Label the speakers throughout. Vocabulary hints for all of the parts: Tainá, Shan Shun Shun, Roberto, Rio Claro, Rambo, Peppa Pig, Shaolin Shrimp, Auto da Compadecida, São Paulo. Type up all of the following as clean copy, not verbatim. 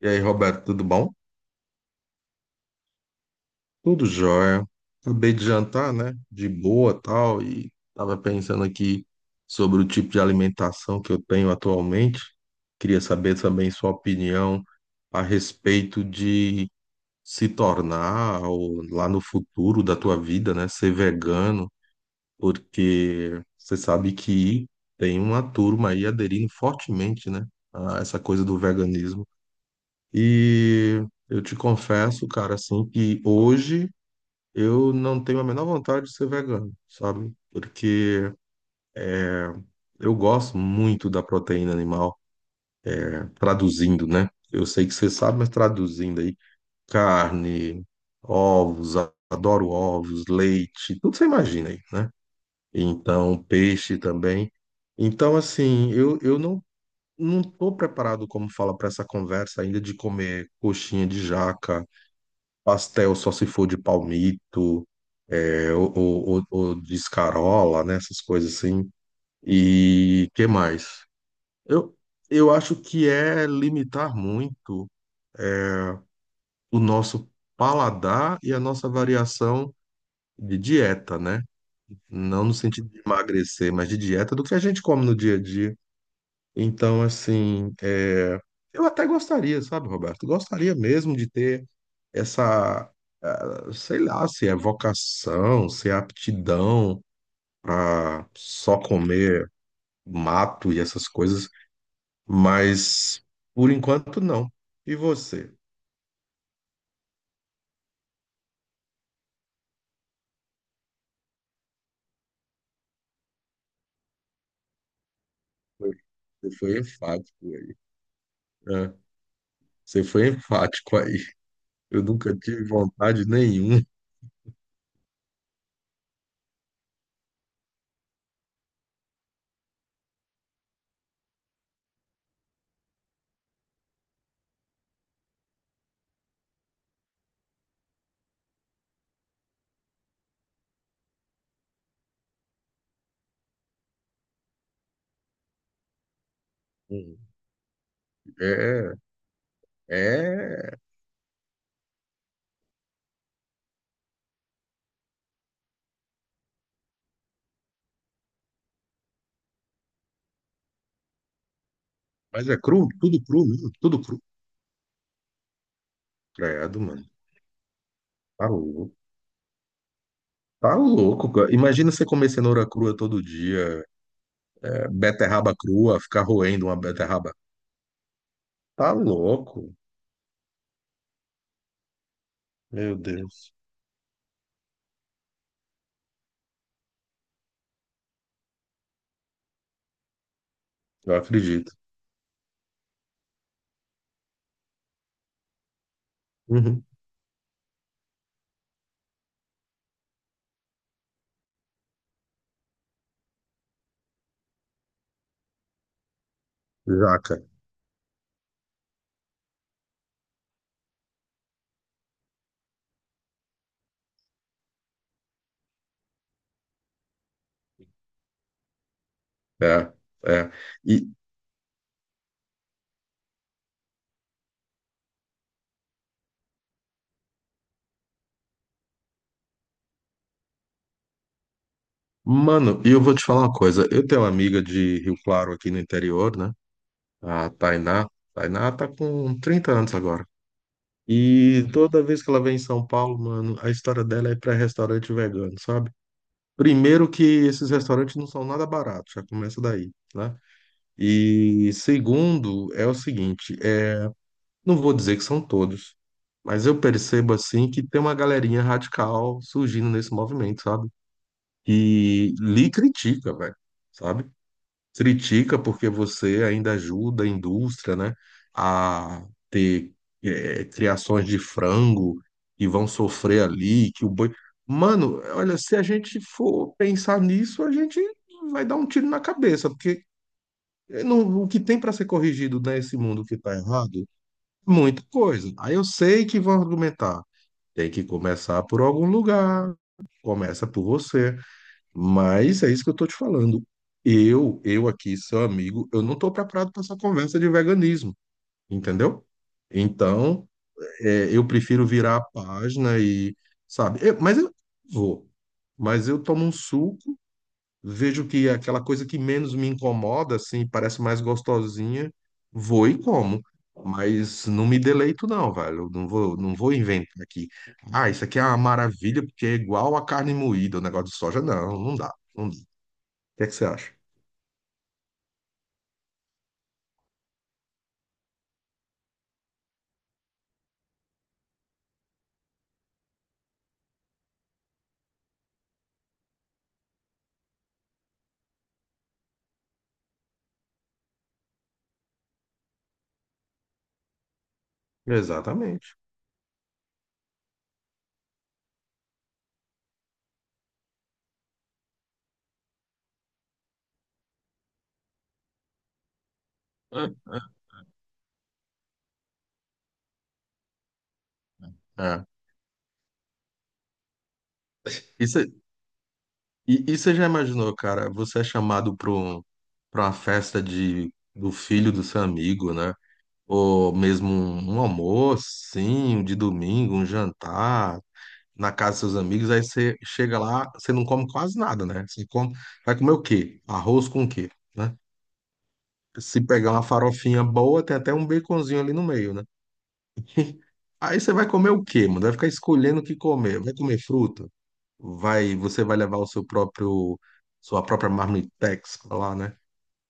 Speaker 1: E aí, Roberto, tudo bom? Tudo jóia. Acabei de jantar, né? De boa, tal, e tava pensando aqui sobre o tipo de alimentação que eu tenho atualmente. Queria saber também sua opinião a respeito de se tornar ou, lá no futuro da tua vida, né, ser vegano, porque você sabe que tem uma turma aí aderindo fortemente, né, a essa coisa do veganismo. E eu te confesso, cara, assim, que hoje eu não tenho a menor vontade de ser vegano, sabe? Porque eu gosto muito da proteína animal, traduzindo, né? Eu sei que você sabe, mas traduzindo aí, carne, ovos, adoro ovos, leite, tudo você imagina aí, né? Então, peixe também. Então, assim, eu não, não tô preparado, como fala, para essa conversa ainda de comer coxinha de jaca. Pastel só se for de palmito, é, ou de escarola, né? Essas coisas assim. E que mais? Eu, eu acho que é limitar muito o nosso paladar e a nossa variação de dieta, né? Não no sentido de emagrecer, mas de dieta do que a gente come no dia a dia. Então, assim, é, eu até gostaria, sabe, Roberto? Gostaria mesmo de ter essa, ah, sei lá, se é vocação, se é aptidão para só comer mato e essas coisas, mas por enquanto não. E você? Foi- Você foi enfático aí. Né? Você foi enfático aí. Eu nunca tive vontade nenhuma. Hum. É, é, mas é cru, tudo cru mesmo, tudo cru. Credo, mano. Tá louco. Tá louco, cara. Imagina você comer cenoura crua todo dia, é, beterraba crua, ficar roendo uma beterraba. Tá louco. Meu Deus. Eu acredito. Uhum. Jaca. É, é. E, mano, e eu vou te falar uma coisa. Eu tenho uma amiga de Rio Claro aqui no interior, né? A Tainá. Tainá tá com 30 anos agora. E toda vez que ela vem em São Paulo, mano, a história dela é para restaurante vegano, sabe? Primeiro que esses restaurantes não são nada baratos, já começa daí, né? E segundo é o seguinte, é, não vou dizer que são todos, mas eu percebo assim que tem uma galerinha radical surgindo nesse movimento, sabe? E lhe critica, velho, sabe? Critica porque você ainda ajuda a indústria, né, a ter criações de frango e vão sofrer ali, que o boi. Mano, olha, se a gente for pensar nisso, a gente vai dar um tiro na cabeça, porque o que tem para ser corrigido nesse mundo que tá errado, muita coisa. Aí eu sei que vão argumentar, tem que começar por algum lugar, começa por você. Mas é isso que eu tô te falando. Eu aqui, seu amigo, eu não tô preparado para essa conversa de veganismo, entendeu? Então, é, eu prefiro virar a página e, sabe, mas eu vou. Mas eu tomo um suco, vejo que é aquela coisa que menos me incomoda, assim, parece mais gostosinha, vou e como. Mas não me deleito, não, velho. Eu não vou, inventar aqui. Ah, isso aqui é uma maravilha, porque é igual a carne moída, o negócio de soja. Não, não dá. Não. Que é que você acha? Exatamente. É, é, é. E você e você já imaginou, cara, você é chamado para uma festa do filho do seu amigo, né? Ou mesmo um almoço, sim, um de domingo, um jantar na casa dos seus amigos, aí você chega lá, você não come quase nada, né? Você come, vai comer o quê? Arroz com o quê, né? Se pegar uma farofinha boa, tem até um baconzinho ali no meio, né? Aí você vai comer o quê, mano? Vai ficar escolhendo o que comer. Vai comer fruta? Vai, você vai levar sua própria marmitex pra lá, né?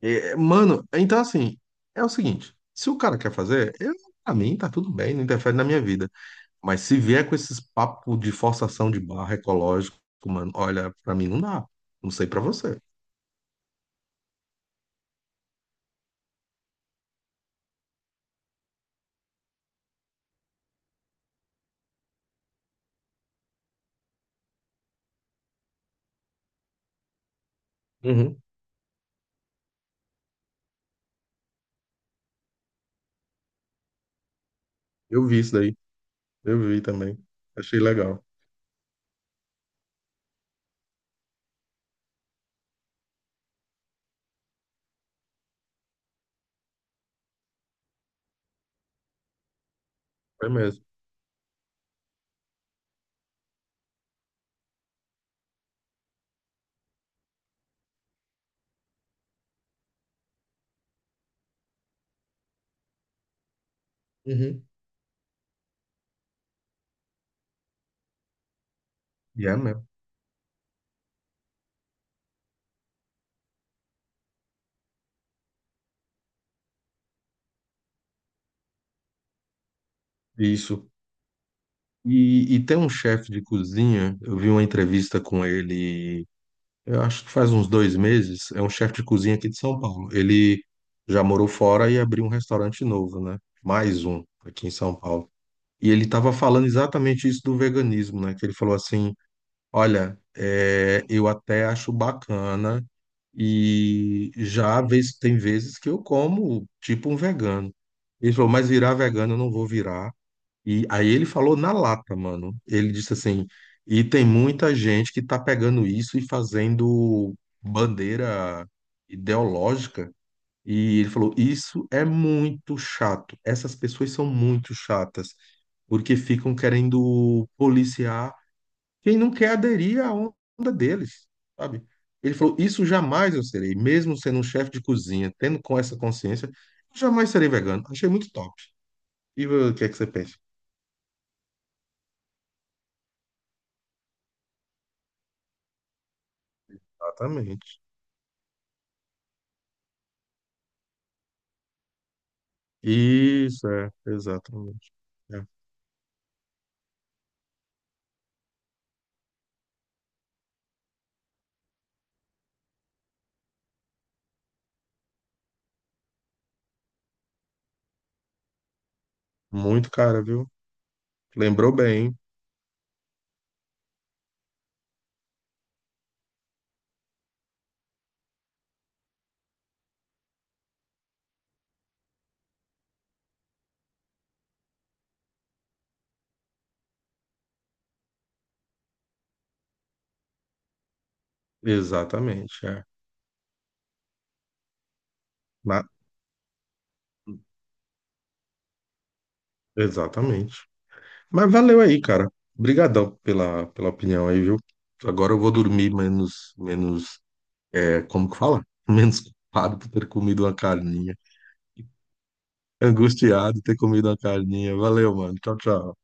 Speaker 1: E, mano, então assim, é o seguinte, se o cara quer fazer, eu, pra mim tá tudo bem, não interfere na minha vida. Mas se vier com esses papos de forçação de barra ecológico, mano, olha, pra mim não dá. Não sei pra você. Uhum. Eu vi isso daí, eu vi também. Achei legal. Foi mesmo. Uhum. E é mesmo. Isso. E tem um chefe de cozinha, eu vi uma entrevista com ele. Eu acho que faz uns 2 meses, é um chefe de cozinha aqui de São Paulo. Ele já morou fora e abriu um restaurante novo, né? Mais um aqui em São Paulo. E ele estava falando exatamente isso do veganismo, né? Que ele falou assim: olha, é, eu até acho bacana e tem vezes que eu como tipo um vegano. Ele falou, mas virar vegano eu não vou virar. E aí ele falou na lata, mano. Ele disse assim: e tem muita gente que tá pegando isso e fazendo bandeira ideológica. E ele falou: isso é muito chato. Essas pessoas são muito chatas, porque ficam querendo policiar quem não quer aderir à onda deles, sabe? Ele falou: isso jamais eu serei, mesmo sendo um chefe de cozinha, tendo com essa consciência, jamais serei vegano. Achei muito top. E o que é que você pensa? Exatamente. Isso, é, exatamente. É. Muito cara, viu? Lembrou bem, hein? Exatamente, é. Na- Exatamente. Mas valeu aí, cara. Obrigadão pela opinião aí, viu? Agora eu vou dormir menos, é, como que fala? Menos culpado por ter comido uma carninha. Angustiado ter comido uma carninha. Valeu, mano. Tchau, tchau.